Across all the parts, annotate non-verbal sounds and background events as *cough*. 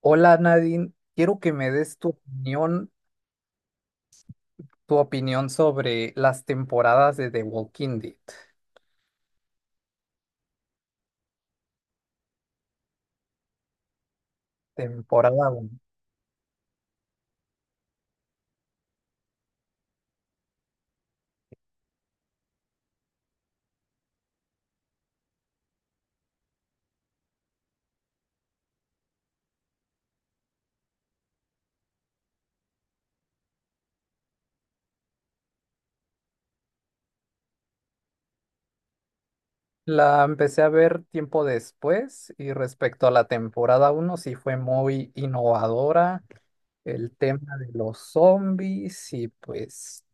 Hola Nadine, quiero que me des tu opinión, sobre las temporadas de The Walking Dead, temporada uno. La empecé a ver tiempo después y respecto a la temporada uno sí fue muy innovadora el tema de los zombies y pues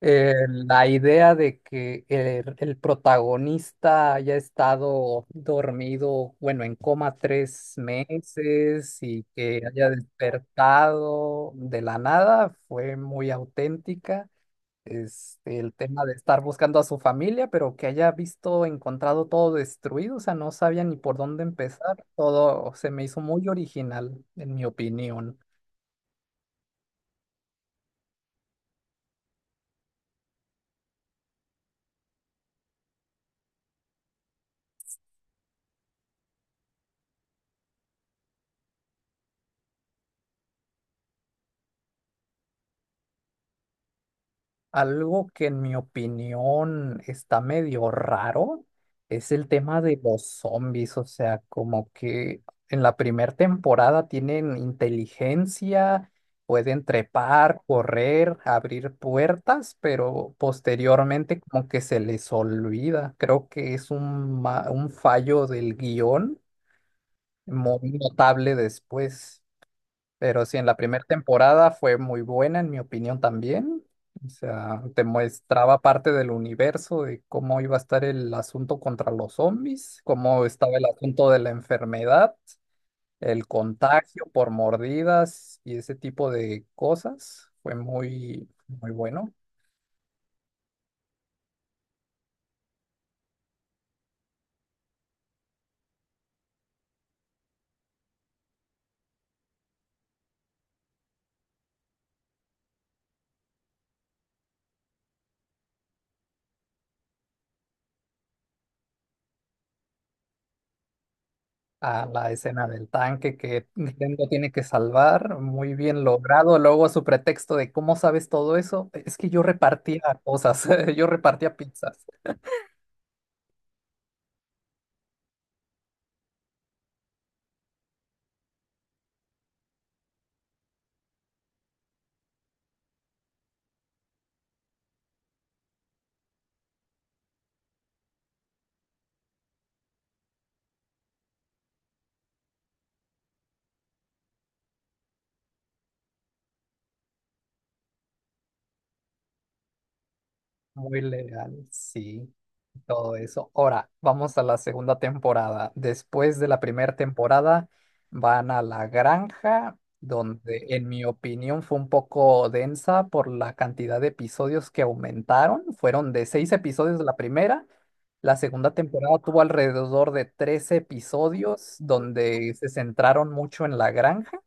la idea de que el protagonista haya estado dormido, bueno, en coma 3 meses y que haya despertado de la nada fue muy auténtica. El tema de estar buscando a su familia, pero que haya visto, encontrado todo destruido, o sea, no sabía ni por dónde empezar. Todo se me hizo muy original, en mi opinión. Algo que en mi opinión está medio raro es el tema de los zombies, o sea, como que en la primera temporada tienen inteligencia, pueden trepar, correr, abrir puertas, pero posteriormente como que se les olvida. Creo que es un fallo del guión muy notable después. Pero sí, en la primera temporada fue muy buena, en mi opinión también. O sea, te mostraba parte del universo, de cómo iba a estar el asunto contra los zombies, cómo estaba el asunto de la enfermedad, el contagio por mordidas y ese tipo de cosas. Fue muy, muy bueno. A la escena del tanque que Nintendo tiene que salvar, muy bien logrado. Luego su pretexto de cómo sabes todo eso, es que yo repartía cosas, *laughs* yo repartía pizzas. Muy legal, sí. Todo eso. Ahora, vamos a la segunda temporada. Después de la primera temporada, van a la granja, donde en mi opinión fue un poco densa por la cantidad de episodios que aumentaron. Fueron de seis episodios de la primera. La segunda temporada tuvo alrededor de 13 episodios, donde se centraron mucho en la granja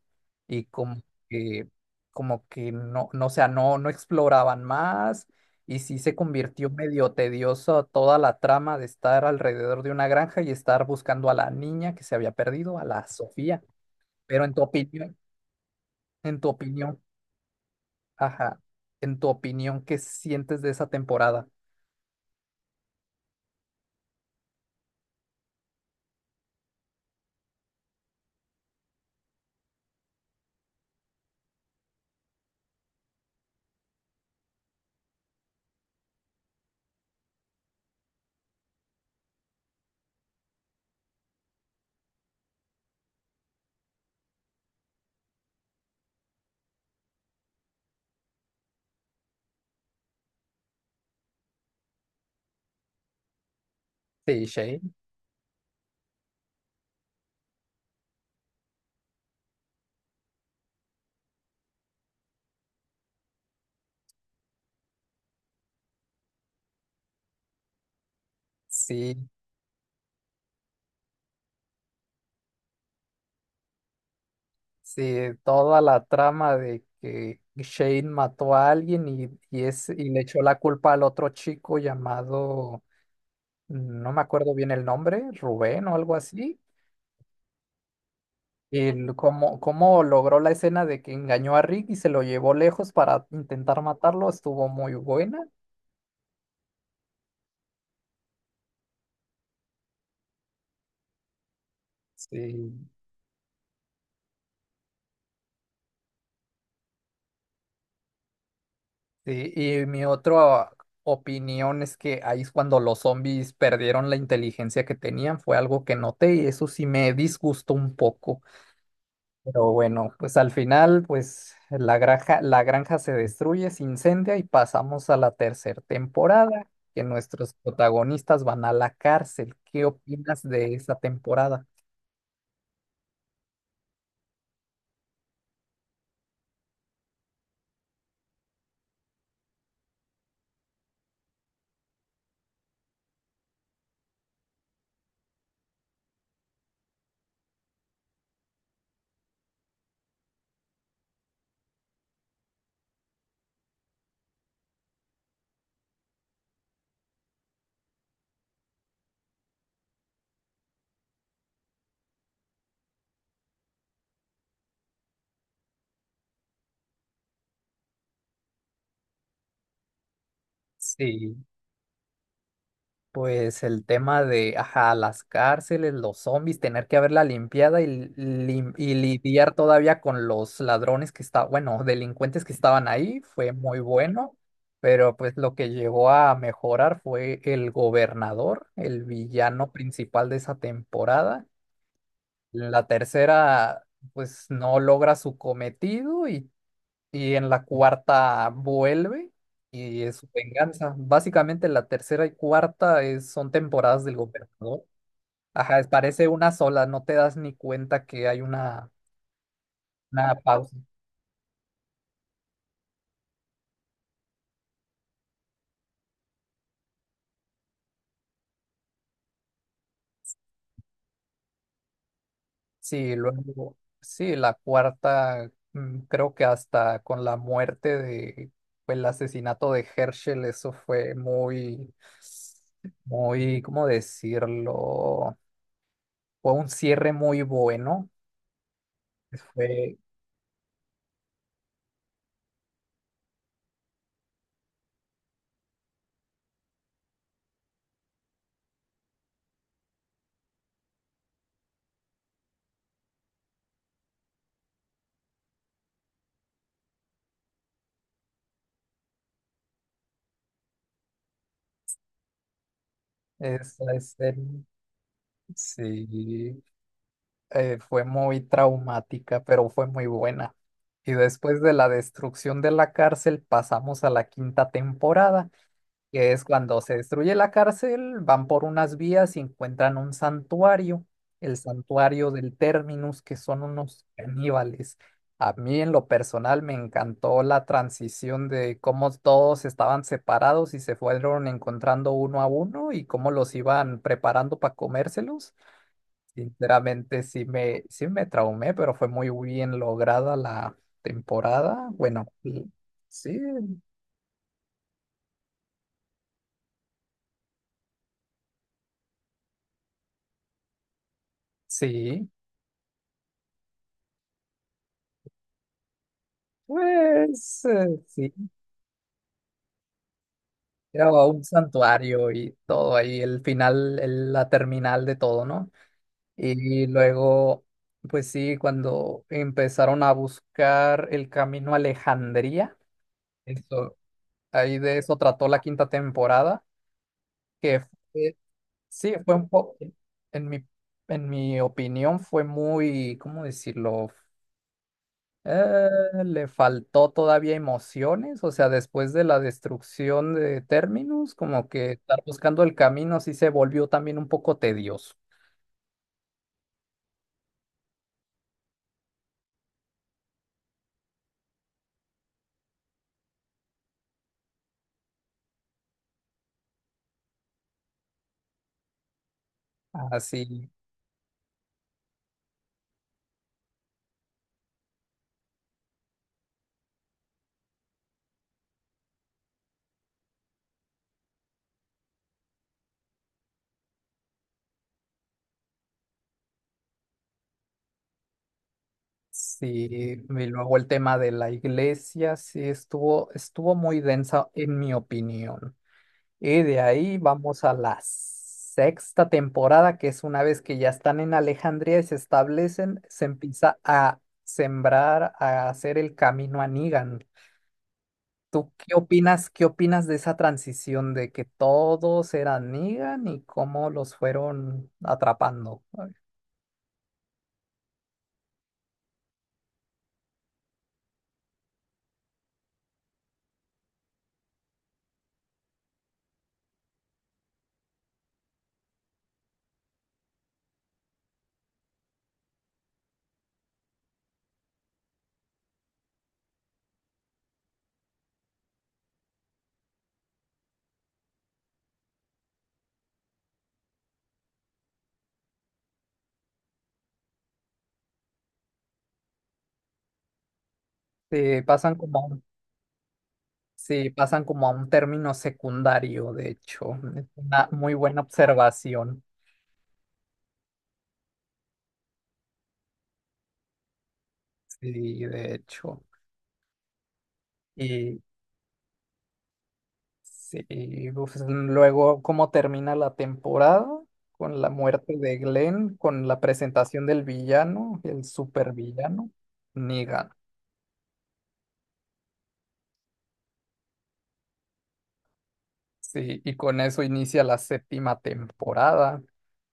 y que, como que o sea, no exploraban más y sí se convirtió medio tedioso toda la trama de estar alrededor de una granja y estar buscando a la niña que se había perdido, a la Sofía. Pero en tu opinión, ajá, en tu opinión, ¿qué sientes de esa temporada? Sí, Shane. Sí, sí, toda la trama de que Shane mató a alguien y le echó la culpa al otro chico llamado, no me acuerdo bien el nombre, Rubén o algo así, el, cómo, cómo logró la escena de que engañó a Rick y se lo llevó lejos para intentar matarlo, estuvo muy buena. Sí, sí, y mi otra opinión es que ahí es cuando los zombies perdieron la inteligencia que tenían, fue algo que noté y eso sí me disgustó un poco. Pero bueno, pues al final, pues la granja se destruye, se incendia y pasamos a la tercera temporada, que nuestros protagonistas van a la cárcel. ¿Qué opinas de esa temporada? Sí. Pues el tema de, ajá, las cárceles, los zombies, tener que haberla limpiada y y lidiar todavía con los ladrones que estaban, bueno, delincuentes que estaban ahí, fue muy bueno, pero pues lo que llegó a mejorar fue el gobernador, el villano principal de esa temporada. La tercera, pues no logra su cometido y en la cuarta vuelve y es su venganza. Básicamente la tercera y cuarta son temporadas del gobernador. Ajá, parece una sola, no te das ni cuenta que hay una pausa. Sí, luego, sí, la cuarta, mm, creo que hasta con la muerte de, fue el asesinato de Herschel, eso fue muy, muy, ¿cómo decirlo? Fue un cierre muy bueno. Fue, es, Sí, fue muy traumática, pero fue muy buena. Y después de la destrucción de la cárcel, pasamos a la quinta temporada, que es cuando se destruye la cárcel, van por unas vías y encuentran un santuario, el santuario del Terminus, que son unos caníbales. A mí en lo personal me encantó la transición de cómo todos estaban separados y se fueron encontrando uno a uno y cómo los iban preparando para comérselos. Sinceramente sí me traumé, pero fue muy bien lograda la temporada. Bueno, sí, sí, pues sí. Era un santuario y todo ahí, el final, la terminal de todo, ¿no? Y luego, pues sí, cuando empezaron a buscar el camino a Alejandría, eso, ahí de eso trató la quinta temporada, que fue, sí, fue un poco, en mi, en mi opinión fue muy, ¿cómo decirlo? Eh, le faltó todavía emociones, o sea, después de la destrucción de Terminus, como que estar buscando el camino sí se volvió también un poco tedioso. Así, sí, sí, y luego el tema de la iglesia sí estuvo, estuvo muy densa en mi opinión. Y de ahí vamos a la sexta temporada, que es una vez que ya están en Alejandría y se establecen, se empieza a sembrar, a hacer el camino a Negan. ¿Tú qué opinas de esa transición de que todos eran Negan y cómo los fueron atrapando? Sí, pasan como a un término secundario, de hecho. Es una muy buena observación. Sí, de hecho. Sí, uf, luego, ¿cómo termina la temporada? Con la muerte de Glenn, con la presentación del villano, el supervillano, Negan. Sí, y con eso inicia la séptima temporada,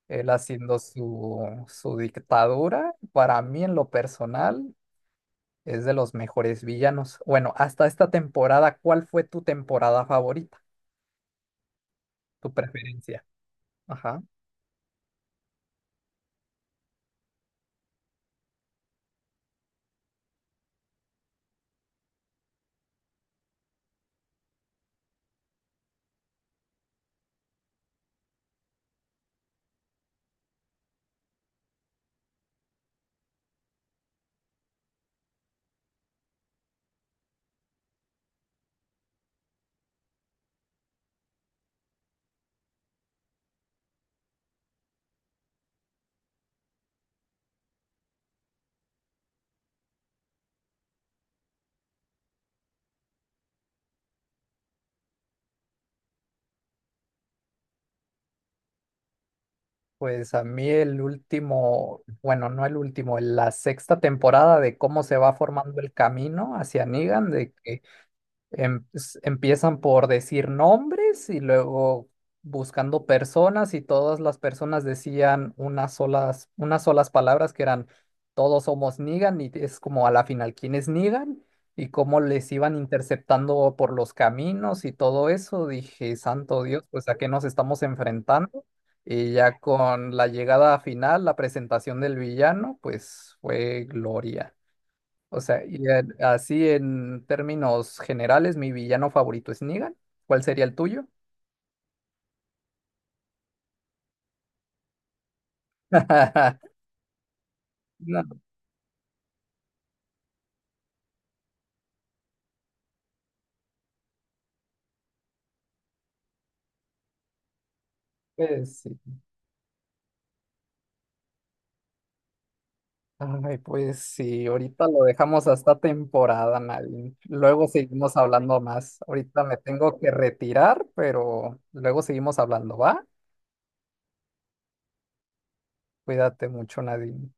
él haciendo su dictadura. Para mí, en lo personal, es de los mejores villanos. Bueno, hasta esta temporada, ¿cuál fue tu temporada favorita? ¿Tu preferencia? Ajá. Pues a mí el último, bueno, no el último, la sexta temporada de cómo se va formando el camino hacia Negan, de que empiezan por decir nombres y luego buscando personas y todas las personas decían unas solas palabras que eran todos somos Negan y es como a la final quién es Negan y cómo les iban interceptando por los caminos y todo eso. Dije, santo Dios, pues a qué nos estamos enfrentando. Y ya con la llegada final, la presentación del villano, pues fue gloria. O sea, así en términos generales, mi villano favorito es Negan. ¿Cuál sería el tuyo? *laughs* No, pues sí. Ay, pues sí, ahorita lo dejamos hasta temporada, Nadine. Luego seguimos hablando más. Ahorita me tengo que retirar, pero luego seguimos hablando, ¿va? Cuídate mucho, Nadine.